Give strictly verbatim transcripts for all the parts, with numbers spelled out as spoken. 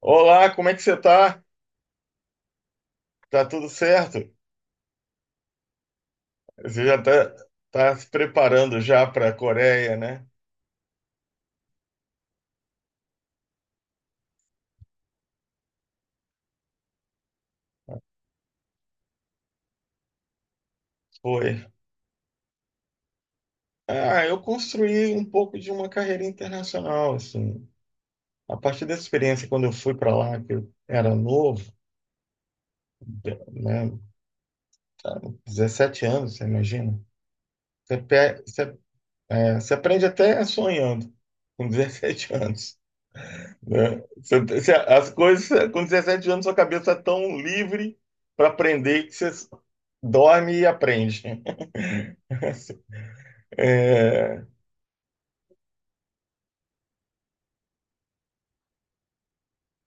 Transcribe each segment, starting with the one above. Olá, como é que você tá? Tá tudo certo? Você já tá, tá se preparando já para a Coreia, né? Foi. Ah, eu construí um pouco de uma carreira internacional, assim. A partir dessa experiência, quando eu fui para lá, que eu era novo, né? Tá, dezessete anos, você imagina? Você, pe- você, é, Você aprende até sonhando com dezessete anos, né? Você- você- as coisas, com dezessete anos, sua cabeça é tão livre para aprender que você dorme e aprende. É,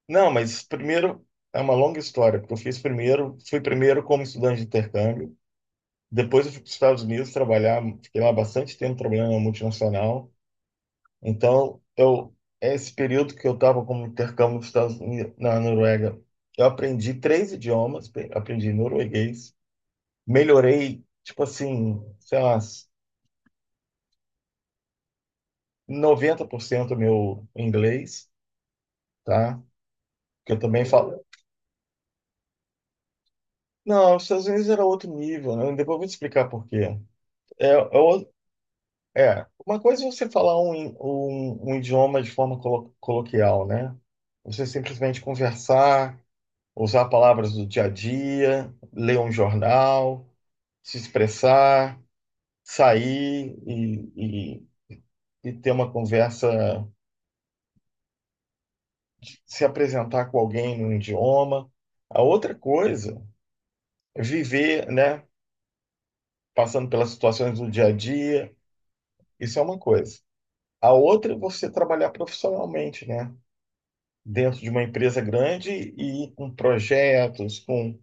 não, mas primeiro é uma longa história, porque eu fiz primeiro, fui primeiro como estudante de intercâmbio, depois eu fui para os Estados Unidos trabalhar, fiquei lá bastante tempo trabalhando na multinacional. Então, eu Esse período que eu estava como intercâmbio nos Estados Unidos, na Noruega, eu aprendi três idiomas, pe- aprendi norueguês, melhorei, tipo assim, sei lá, noventa por cento do meu inglês, tá? Que eu também falo. Não, os Estados Unidos era outro nível, né? Depois eu vou te explicar por quê. É, é, o- é, uma coisa é você falar um, in- um, um idioma de forma colo- coloquial, né? Você simplesmente conversar, usar palavras do dia a dia, ler um jornal, se expressar, sair e, e, e ter uma conversa, se apresentar com alguém num idioma. A outra coisa é viver, né? Passando pelas situações do dia a dia, isso é uma coisa. A outra é você trabalhar profissionalmente, né? Dentro de uma empresa grande e com projetos, com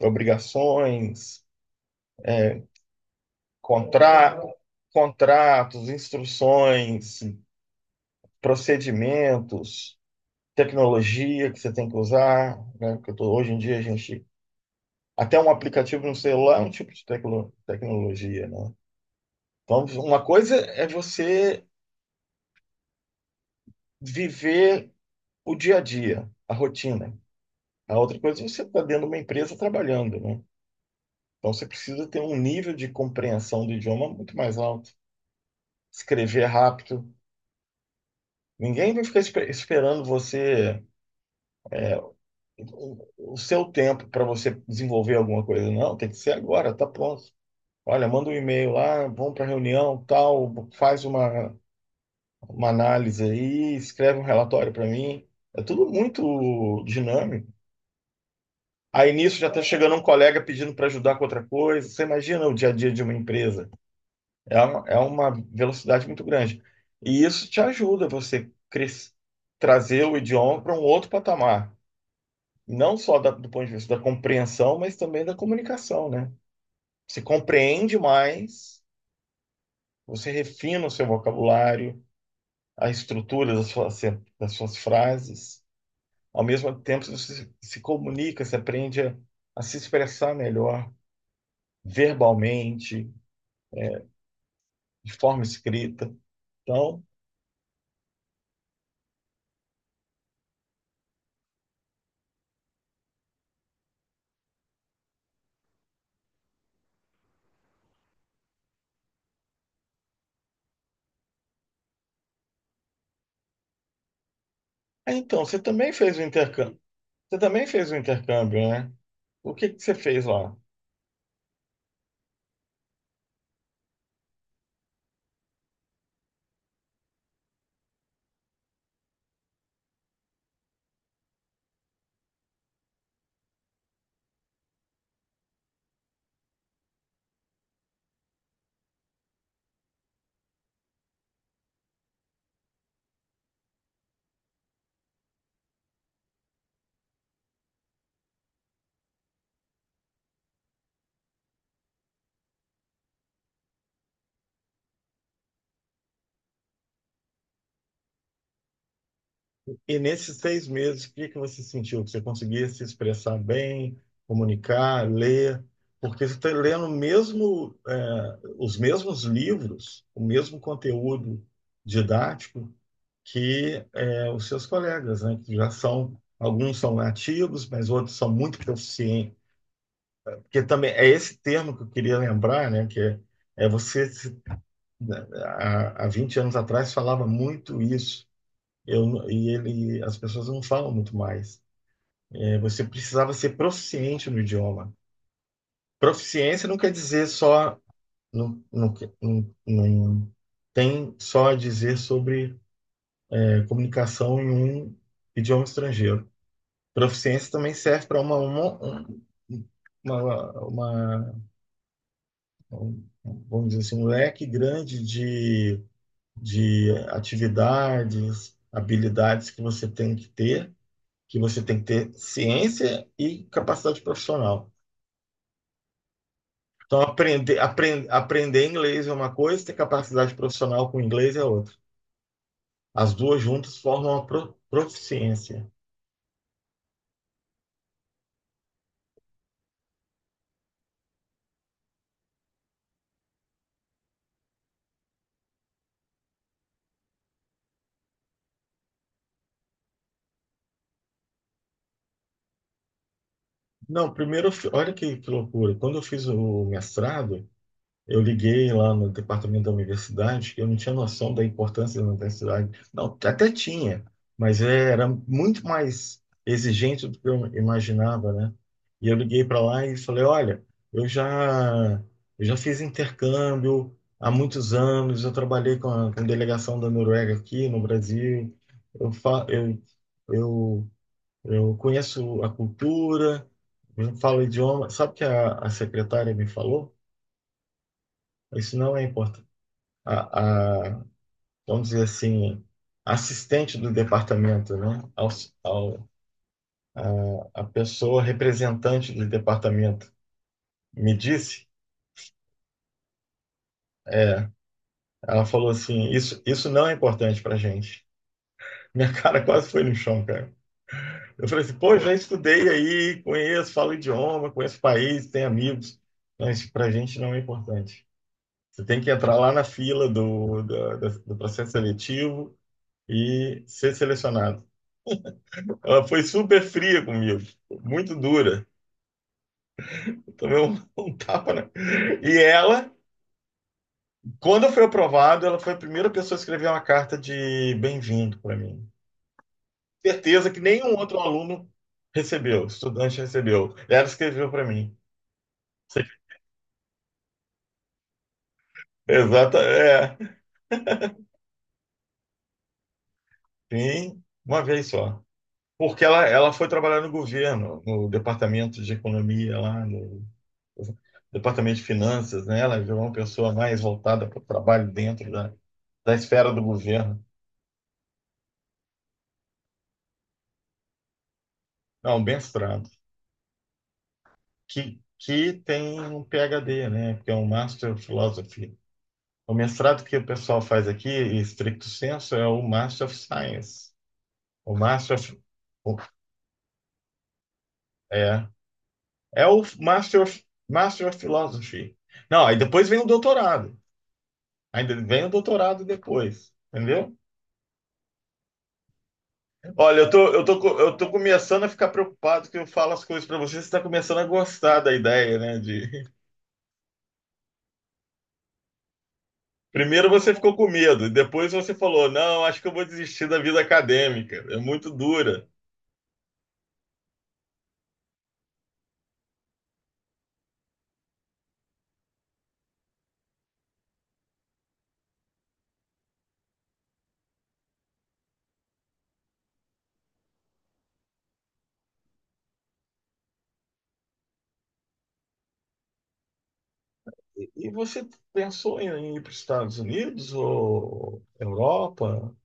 obrigações, é, contra- contratos, instruções, procedimentos, tecnologia que você tem que usar, né? Porque eu tô- hoje em dia a gente. Até um aplicativo no celular é um tipo de tecno- tecnologia, né? Então, uma coisa é você viver o dia a dia, a rotina. A outra coisa é você está dentro de uma empresa trabalhando, né? Então você precisa ter um nível de compreensão do idioma muito mais alto, escrever rápido. Ninguém vai ficar espe- esperando você o seu tempo para você desenvolver alguma coisa. Não, tem que ser agora, tá pronto. Olha, manda um e-mail lá, vamos para reunião, tal, faz uma, uma análise aí, escreve um relatório para mim. É tudo muito dinâmico. Aí nisso já está chegando um colega pedindo para ajudar com outra coisa. Você imagina o dia a dia de uma empresa. É uma, é uma velocidade muito grande. E isso te ajuda você cres- trazer o idioma para um outro patamar. Não só da- do ponto de vista da compreensão, mas também da comunicação, né? Você compreende mais, você refina o seu vocabulário, a estrutura das suas, das suas frases. Ao mesmo tempo, você se comunica, você aprende a, a se expressar melhor, verbalmente, de forma escrita. Então, ah, então, você também fez o intercâmbio. Você também fez um intercâmbio, né? O que que você fez lá? E nesses seis meses, o que que você sentiu? Que você conseguia se expressar bem, comunicar, ler? Porque você está lendo mesmo, é, os mesmos livros, o mesmo conteúdo didático que é, os seus colegas, né? Que já são, alguns são nativos, mas outros são muito proficientes. Porque também é esse termo que eu queria lembrar, né? Que é, é você se Há, há vinte anos atrás falava muito isso. Eu, e ele, as pessoas não falam muito mais. É, você precisava ser proficiente no idioma. Proficiência não quer dizer só, não, não, não, não tem só a dizer sobre é, comunicação em um idioma estrangeiro. Proficiência também serve para uma, uma, uma, uma- um, vamos dizer assim, um leque grande de de atividades, habilidades que você tem que ter, que você tem que ter ciência e capacidade profissional. Então, aprender, aprend, aprender inglês é uma coisa, ter capacidade profissional com inglês é outra. As duas juntas formam uma pro- proficiência. Não, primeiro, eu fi- olha que, que loucura. Quando eu fiz o mestrado, eu liguei lá no departamento da universidade, eu não tinha noção da importância da universidade. Não, até tinha, mas era muito mais exigente do que eu imaginava, né? E eu liguei para lá e falei, olha, eu já, eu já fiz intercâmbio há muitos anos, eu trabalhei com a, com a delegação da Noruega aqui no Brasil, eu, fa eu, eu, eu conheço a cultura, eu falo o idioma. Sabe o que a, a secretária me falou? Isso não é importante. a, a, Vamos dizer assim, assistente do departamento, né? Ao, ao, a, a pessoa representante do departamento me disse, é, ela falou assim, isso, isso não é importante para a gente. Minha cara quase foi no chão, cara. Eu falei assim, pô, já estudei aí, conheço, falo idioma, conheço o país, tenho amigos, mas para a gente não é importante. Você tem que entrar lá na fila do, do, do processo seletivo e ser selecionado. Ela foi super fria comigo, muito dura. Eu tomei um, um tapa, né? E ela, quando eu fui aprovado, ela foi a primeira pessoa a escrever uma carta de bem-vindo para mim. Certeza que nenhum outro aluno recebeu, estudante recebeu. Ela escreveu para mim. Exata, é. Sim, uma vez só. Porque ela, ela foi trabalhar no governo, no departamento de economia lá no departamento de finanças, né? Ela virou uma pessoa mais voltada para o trabalho dentro da, da esfera do governo. Não, mestrado. Que, que tem um PhD, né? Que é um Master of Philosophy. O mestrado que o pessoal faz aqui, em stricto senso, é o Master of Science. O Master of, o- é, é o Master of, Master of Philosophy. Não, aí depois vem o doutorado. Ainda vem o doutorado depois, entendeu? Olha, eu tô, eu tô, co- eu tô começando a ficar preocupado que eu falo as coisas pra você, você tá começando a gostar da ideia, né? De... Primeiro você ficou com medo, e depois você falou, não, acho que eu vou desistir da vida acadêmica, é muito dura. E e você pensou em ir para os Estados Unidos ou Europa?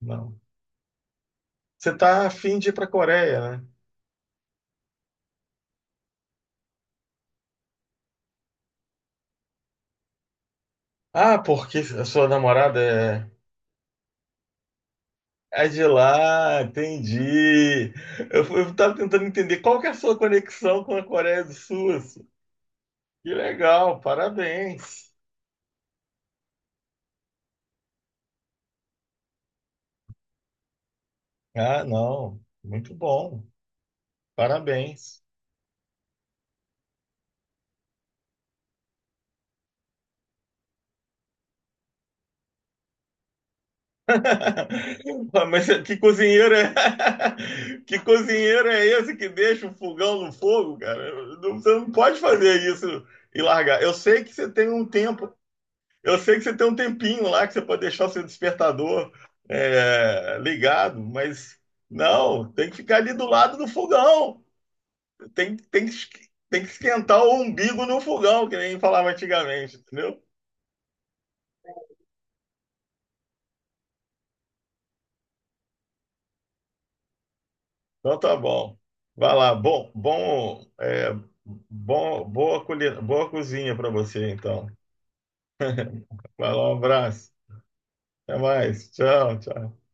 Não. Você tá afim de ir para a Coreia, né? Ah, porque a sua namorada é, é de lá, entendi. Eu, eu tava tentando entender qual que é a sua conexão com a Coreia do Sul. Assim. Que legal, parabéns. Ah, não, muito bom. Parabéns. Ah, mas que cozinheiro é... Que cozinheiro é esse que deixa o fogão no fogo, cara? Não- Você não pode fazer isso e largar. Eu sei que você tem um tempo, eu sei que você tem um tempinho lá que você pode deixar o seu despertador é, ligado, mas não, tem que ficar ali do lado do fogão. Tem, tem, que es- Tem que esquentar o umbigo no fogão, que nem falava antigamente, entendeu? Então tá bom. Vai lá. Bom, bom, é, bom, boa, colhe- Boa cozinha para você, então. Vai lá, um abraço. Até mais. Tchau, tchau.